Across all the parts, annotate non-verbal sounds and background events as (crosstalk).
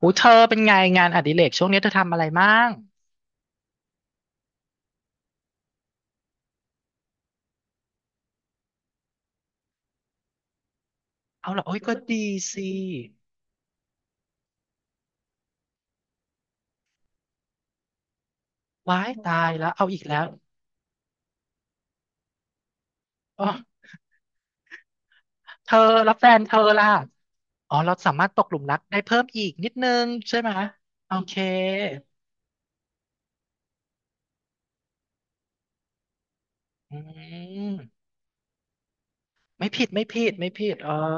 หูเธอเป็นไงงานอดิเรกช่วงนี้เธอทำอะไรมั่งเอาเหรอโอ้ยก็ดีสิว้ายตายแล้วเอาอีกแล้วอ๋อเธอแล้วแฟนเธอล่ะอ๋อเราสามารถตกหลุมรักได้เพิ่มอีกนิดนึงใช่ไหมโอเคอืมไม่ผิดไม่ผิดไม่ผิดเออ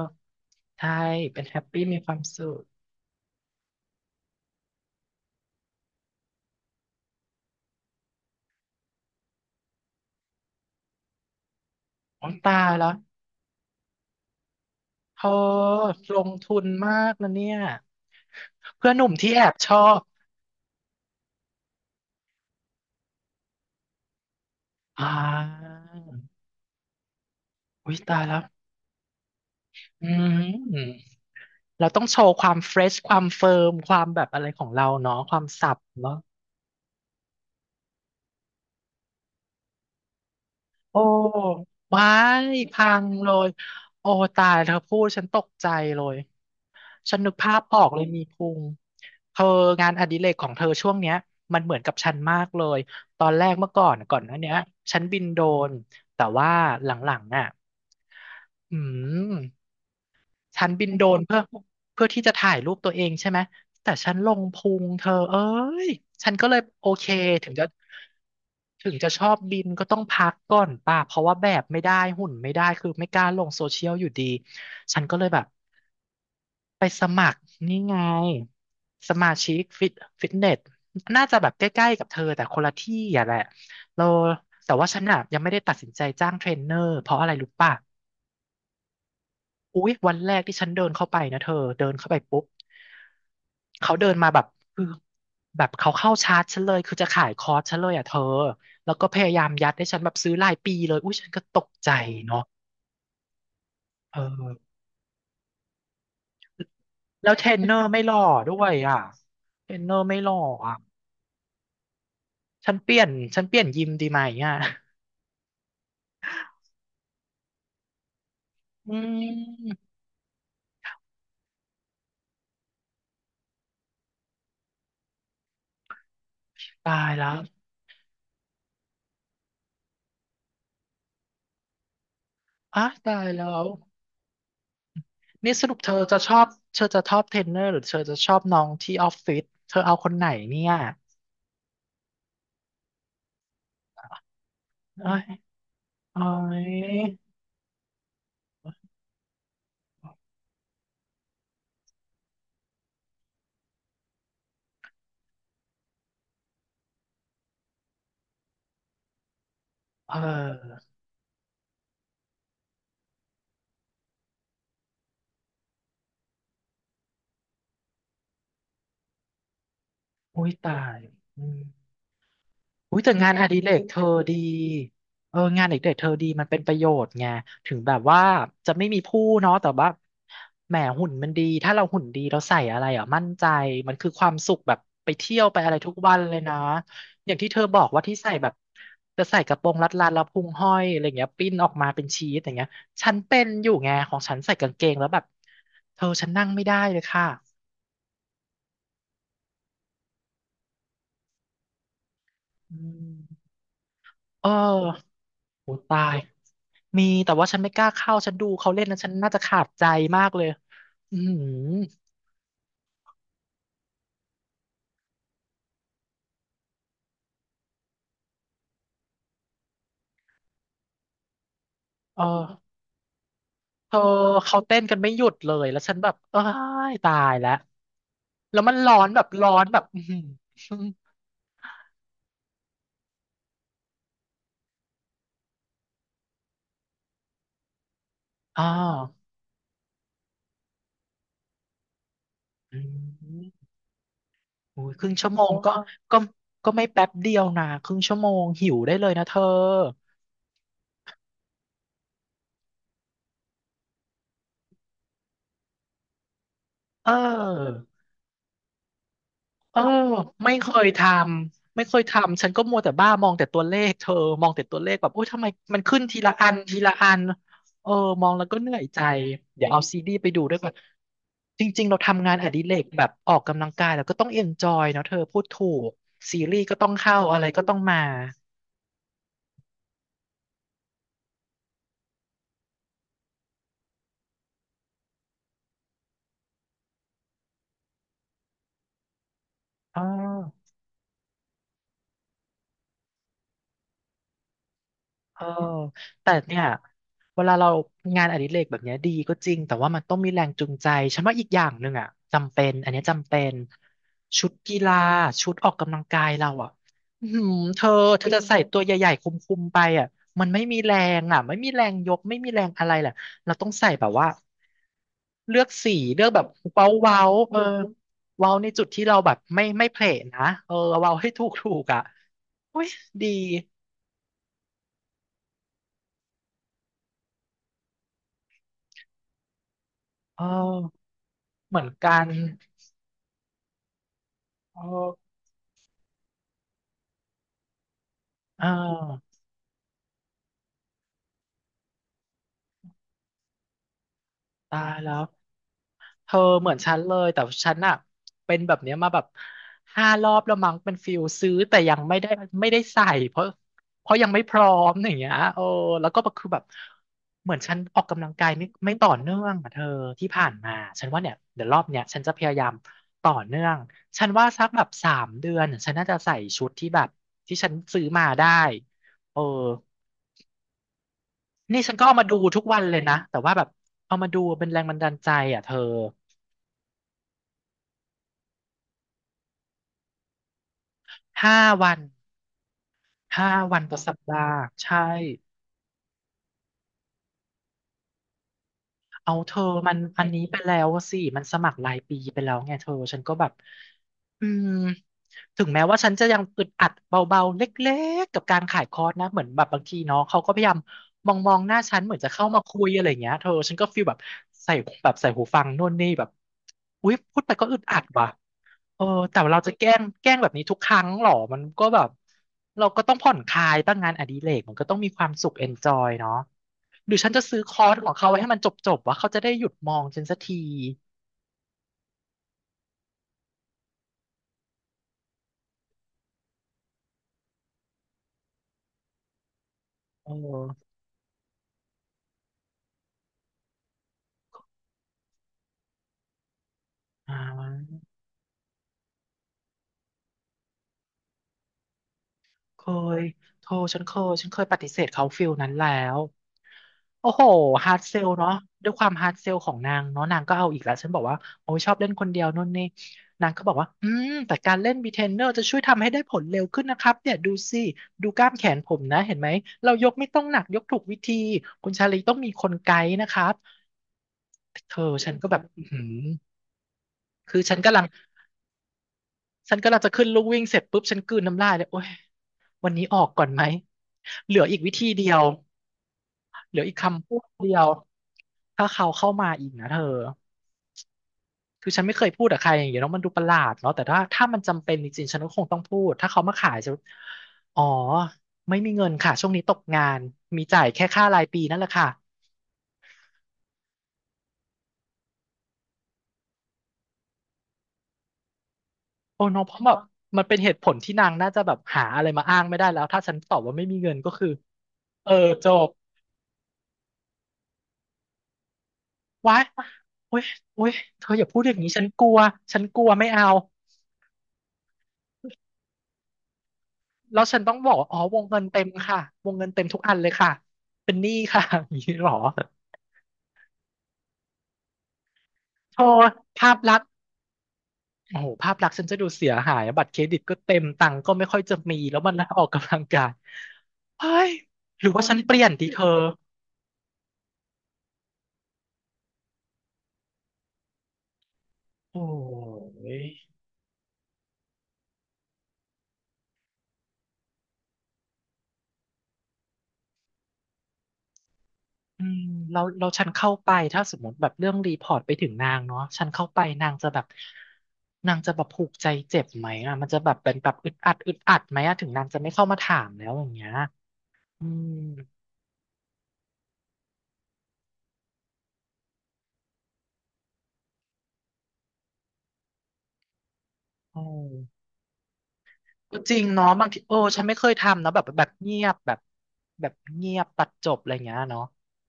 ใช่เป็นแฮปปี้มีความสุขอ๋อตายแล้วเธอลงทุนมากนะเนี่ยเพื่อนหนุ่มที่แอบชอบอ่าอุ้ยตายแล้วอืม เราต้องโชว์ความเฟรชความเฟิร์มความแบบอะไรของเราเนาะความสับเนาะโอ้ว้ายพังเลยโอ้ตายเธอพูดฉันตกใจเลยฉันนึกภาพออกเลยมีพุงเธองานอดิเรกของเธอช่วงเนี้ยมันเหมือนกับฉันมากเลยตอนแรกเมื่อก่อนก่อนหน้าเนี้ยฉันบินโดรนแต่ว่าหลังๆอ่ะอืม ฉันบินโดรนเพื่อที่จะถ่ายรูปตัวเองใช่ไหมแต่ฉันลงพุงเธอเอ้ยฉันก็เลยโอเคถึงจะถึงจะชอบบินก็ต้องพักก่อนป่ะเพราะว่าแบบไม่ได้หุ่นไม่ได้คือไม่กล้าลงโซเชียลอยู่ดีฉันก็เลยแบบไปสมัครนี่ไงสมาชิกฟิตเนสน่าจะแบบใกล้ๆกับเธอแต่คนละที่อ่ะแหละเราแต่ว่าฉันอ่ะยังไม่ได้ตัดสินใจจ้างเทรนเนอร์เพราะอะไรรู้ป่ะ อุ๊ยวันแรกที่ฉันเดินเข้าไปนะเธอเดินเข้าไปปุ๊บเขาเดินมาแบบคือแบบเขาเข้าชาร์จฉันเลยคือจะขายคอร์สฉันเลยอ่ะเธอแล้วก็พยายามยัดให้ฉันแบบซื้อรายปีเลยอุ้ยฉันก็ตกใจเนาะเออแล้วเทรนเนอร์ไม่หล่อด้วยอ่ะเทรนเนอร์ไม่หล่ออ่ะฉันเปลี่ยนฉันเปลี่ยนยิมดีไหมอ่ะอืมตายแล้วอ่ะตายแล้วนี่สรุปเธอจะชอบเธอจะชอบเทรนเนอร์หรือเธอจะชอบน้องที่ออฟฟิศเธอเอาคนไหนเนี่ยเอ้ย อ๋อยเอออุ้ยตายอืมอุ้ยแต่งานอดิเรกเธอดีเอองานอดิเรกเธอดีมันเป็นประโยชน์ไงถึงแบบว่าจะไม่มีผู้เนาะแต่ว่าแหมหุ่นมันดีถ้าเราหุ่นดีเราใส่อะไรอ่ะมั่นใจมันคือความสุขแบบไปเที่ยวไปอะไรทุกวันเลยนะอย่างที่เธอบอกว่าที่ใส่แบบจะใส่กระโปรงรัดๆแล้วพุงห้อยอะไรเงี้ยปิ้นออกมาเป็นชีสอย่างเงี้ยฉันเป็นอยู่ไงของฉันใส่กางเกงแล้วแบบเธอฉันนั่งไม่ได้เลยค่ะอืม เออโอตายมีแต่ว่าฉันไม่กล้าเข้าฉันดูเขาเล่นแล้วฉันน่าจะขาดใจมากเลยอืมเออเธอเขาเต้นกันไม่หยุดเลยแล้วฉันแบบเอ้ยตายแล้วแล้วมันร้อนแบบร้อนแบบอืมออ้าวอืมโอ้ยครึ่งชั่วโมงก็ก็ไม่แป๊บเดียวนะครึ่งชั่วโมงหิวได้เลยนะเธอเออ เออไม่เคยทไม่เคยทำฉันก็มัวแต่บ้ามองแต่ตัวเลขเธอมองแต่ตัวเลขแบบโอ้ยทำไมมันขึ้นทีละอันทีละอันเออมองแล้วก็เหนื่อยใจเดี๋ยวเอาซีดีไปดูด้วยก่อนจริงๆเราทำงานอดิเรกแบบออกกำลังกายแล้วก็ต้องเอนจอยเนาะเธอพูดถูกซีรีส์ก็ต้องเข้าอะไรก็ต้องมาอ๋อ เออแต่เนี่ยเวลาเรางานอดิเรกแบบเนี้ยดีก็จริงแต่ว่ามันต้องมีแรงจูงใจฉันว่าอีกอย่างหนึ่งอ่ะจำเป็นอันเนี้ยจำเป็นชุดกีฬาชุดออกกำลังกายเราอ่ะอืมเธอเธอจะใส่ตัวใหญ่ๆคุมๆไปอ่ะมันไม่มีแรงอ่ะไม่มีแรงยกไม่มีแรงอะไรแหละเราต้องใส่แบบว่าเลือกสีเลือกแบบเว้าเว้าเออเว้าในจุดที่เราแบบไม่ไม่เพลทนะเออเว้าให้ถูกถูกอ่ะอุ้ยดีเออ เหมือนกันเอออ่าตายแล้วเธอเหมือนฉันเลย แต่ฉันอะเป็นแบบเนี้ยมาแบบ5 รอบแล้วมั้งเป็นฟิลซื้อแต่ยังไม่ได้ไม่ได้ใส่เพราะเพราะยังไม่พร้อมอย่างเงี้ยโอ้แล้วก็แบบคือแบบเหมือนฉันออกกำลังกายไม่ไม่ต่อเนื่องอะเธอที่ผ่านมาฉันว่าเนี่ยเดี๋ยวรอบเนี้ยฉันจะพยายามต่อเนื่อง ฉันว่าสักแบบ3 เดือนฉันน่าจะใส่ชุดที่แบบที่ฉันซื้อมาได้เออ นี่ฉันก็เอามาดูทุกวันเลยนะแต่ว่าแบบเอามาดูเป็นแรงบันดาลใจอ่ะเธอห้าวันห้าวันต่อสัปดาห์ใช่เอาเธอมันอันนี้ไปแล้วสิมันสมัครรายปีไปแล้วไงเธอฉันก็แบบอืมถึงแม้ว่าฉันจะยังอึดอัดเบาๆเล็กๆกับการขายคอร์สนะเหมือนแบบบางทีเนาะเขาก็พยายามมองหน้าฉันเหมือนจะเข้ามาคุยอะไรอย่างเงี้ยเธอฉันก็ฟีลแบบใส่แบบใส่หูฟังโนู่นนี่แบบอุ๊ยพูดไปก็อึดอัดว่ะ เออแต่ว่าเราจะแกล้งแบบนี้ทุกครั้งหรอมันก็แบบเราก็ต้องผ่อนคลายตั้งงานอดิเรกมันก็ต้องมีความสุขเอนจอยเนาะหรือฉันจะซื้อคอร์สของเขาไว้ให้มันจบๆว่าเขาจะได้หยุดมองฉันสักทีเอออ่า เคยโทรฉันเคยปฏิเสธเขาฟิลนั้นแล้วโอ้โหฮาร์ดเซลเนาะด้วยความฮาร์ดเซลของนางเนาะนางก็เอาอีกแล้วฉันบอกว่าโอ้ยชอบเล่นคนเดียวนู่นนี่นางก็บอกว่าอืมแต่การเล่นบีเทนเนอร์จะช่วยทำให้ได้ผลเร็วขึ้นนะครับเนี่ยดูสิดูกล้ามแขนผมนะเห็นไหมเรายกไม่ต้องหนักยกถูกวิธีคุณชาลีต้องมีคนไกด์นะครับเธอฉันก็แบบอือหือคือฉันกำลังจะขึ้นลูกวิ่งเสร็จปุ๊บฉันกลืนน้ำลายเลยโอ้ยวันนี้ออกก่อนไหมเหลืออีกวิธีเดียว เหลืออีกคำพูดเดียวถ้าเขาเข้ามาอีกนะเธอคือฉันไม่เคยพูดกับใครอย่างเงี้ยเนาะมันดูประหลาดเนาะแต่ถ้ามันจำเป็นจริงๆฉันก็คงต้องพูดถ้าเขามาขายจะอ๋อไม่มีเงินค่ะช่วงนี้ตกงานมีจ่ายแค่ค่ารายปีนั่นแหละค่ะโอ้เน้องเพราะแบบมันเป็นเหตุผลที่นางน่าจะแบบหาอะไรมาอ้างไม่ได้แล้วถ้าฉันตอบว่าไม่มีเงินก็คือเออจบว้ายโอ๊ยโอ๊ยเธออย่าพูดอย่างนี้ฉันกลัวฉันกลัวไม่เอา แล้วฉันต้องบอกว่าอ๋อวงเงินเต็มค่ะวงเงินเต็มทุกอันเลยค่ะเป็นหนี้ค่ะ (laughs) อย่างนี้หรอโทษภาพลักษณ์โอ้โหภาพลักษณ์ฉันจะดูเสียหายบัตรเครดิตก็เต็มตังค์ก็ไม่ค่อยจะมีแล้วมันออกกำลังกายเฮ้ยหรือว่าฉันเปลี่ยนดีเธอโอ้ยอืมเราเราฉันเข้าไปถ้าสมมติแบบเรื่องรีพอร์ตไปถึงนางเนาะฉันเข้าไปนางจะแบบผูกใจเจ็บไหมอ่ะมันจะแบบเป็นแบบอึดอัดไหมอ่ะถึงนางจะไม่เข้ามาถามแล้วอย่างเงี้ยอืม โอ้ก็จริงเนาะบางทีโอ้ฉันไม่เคยทำเนาะแบบแบบเงียบแบบเงียบตัดจบอะไรอย่างเงี้ยเนาะ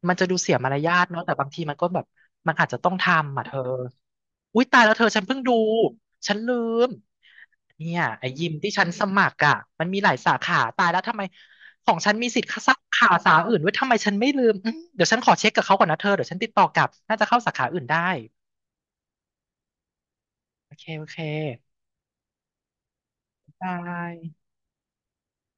มันจะดูเสียมารยาทเนาะแต่บางทีมันก็แบบมันอาจจะต้องทำอ่ะเธออุ๊ยตายแล้วเธอฉันเพิ่งดูฉันลืมเนี่ยไอ้ยิมที่ฉันสมัครอ่ะมันมีหลายสาขาตายแล้วทำไมของฉันมีสิทธิ์สาขาอื่นด้วยทำไมฉันไม่ลืมอืมเดี๋ยวฉันขอเช็คกับเขาก่อนนะเธอเดี๋ยวฉันติดต่อกลับน่าจะเข้าสาขาอื่นได้โอเคโอเคบาย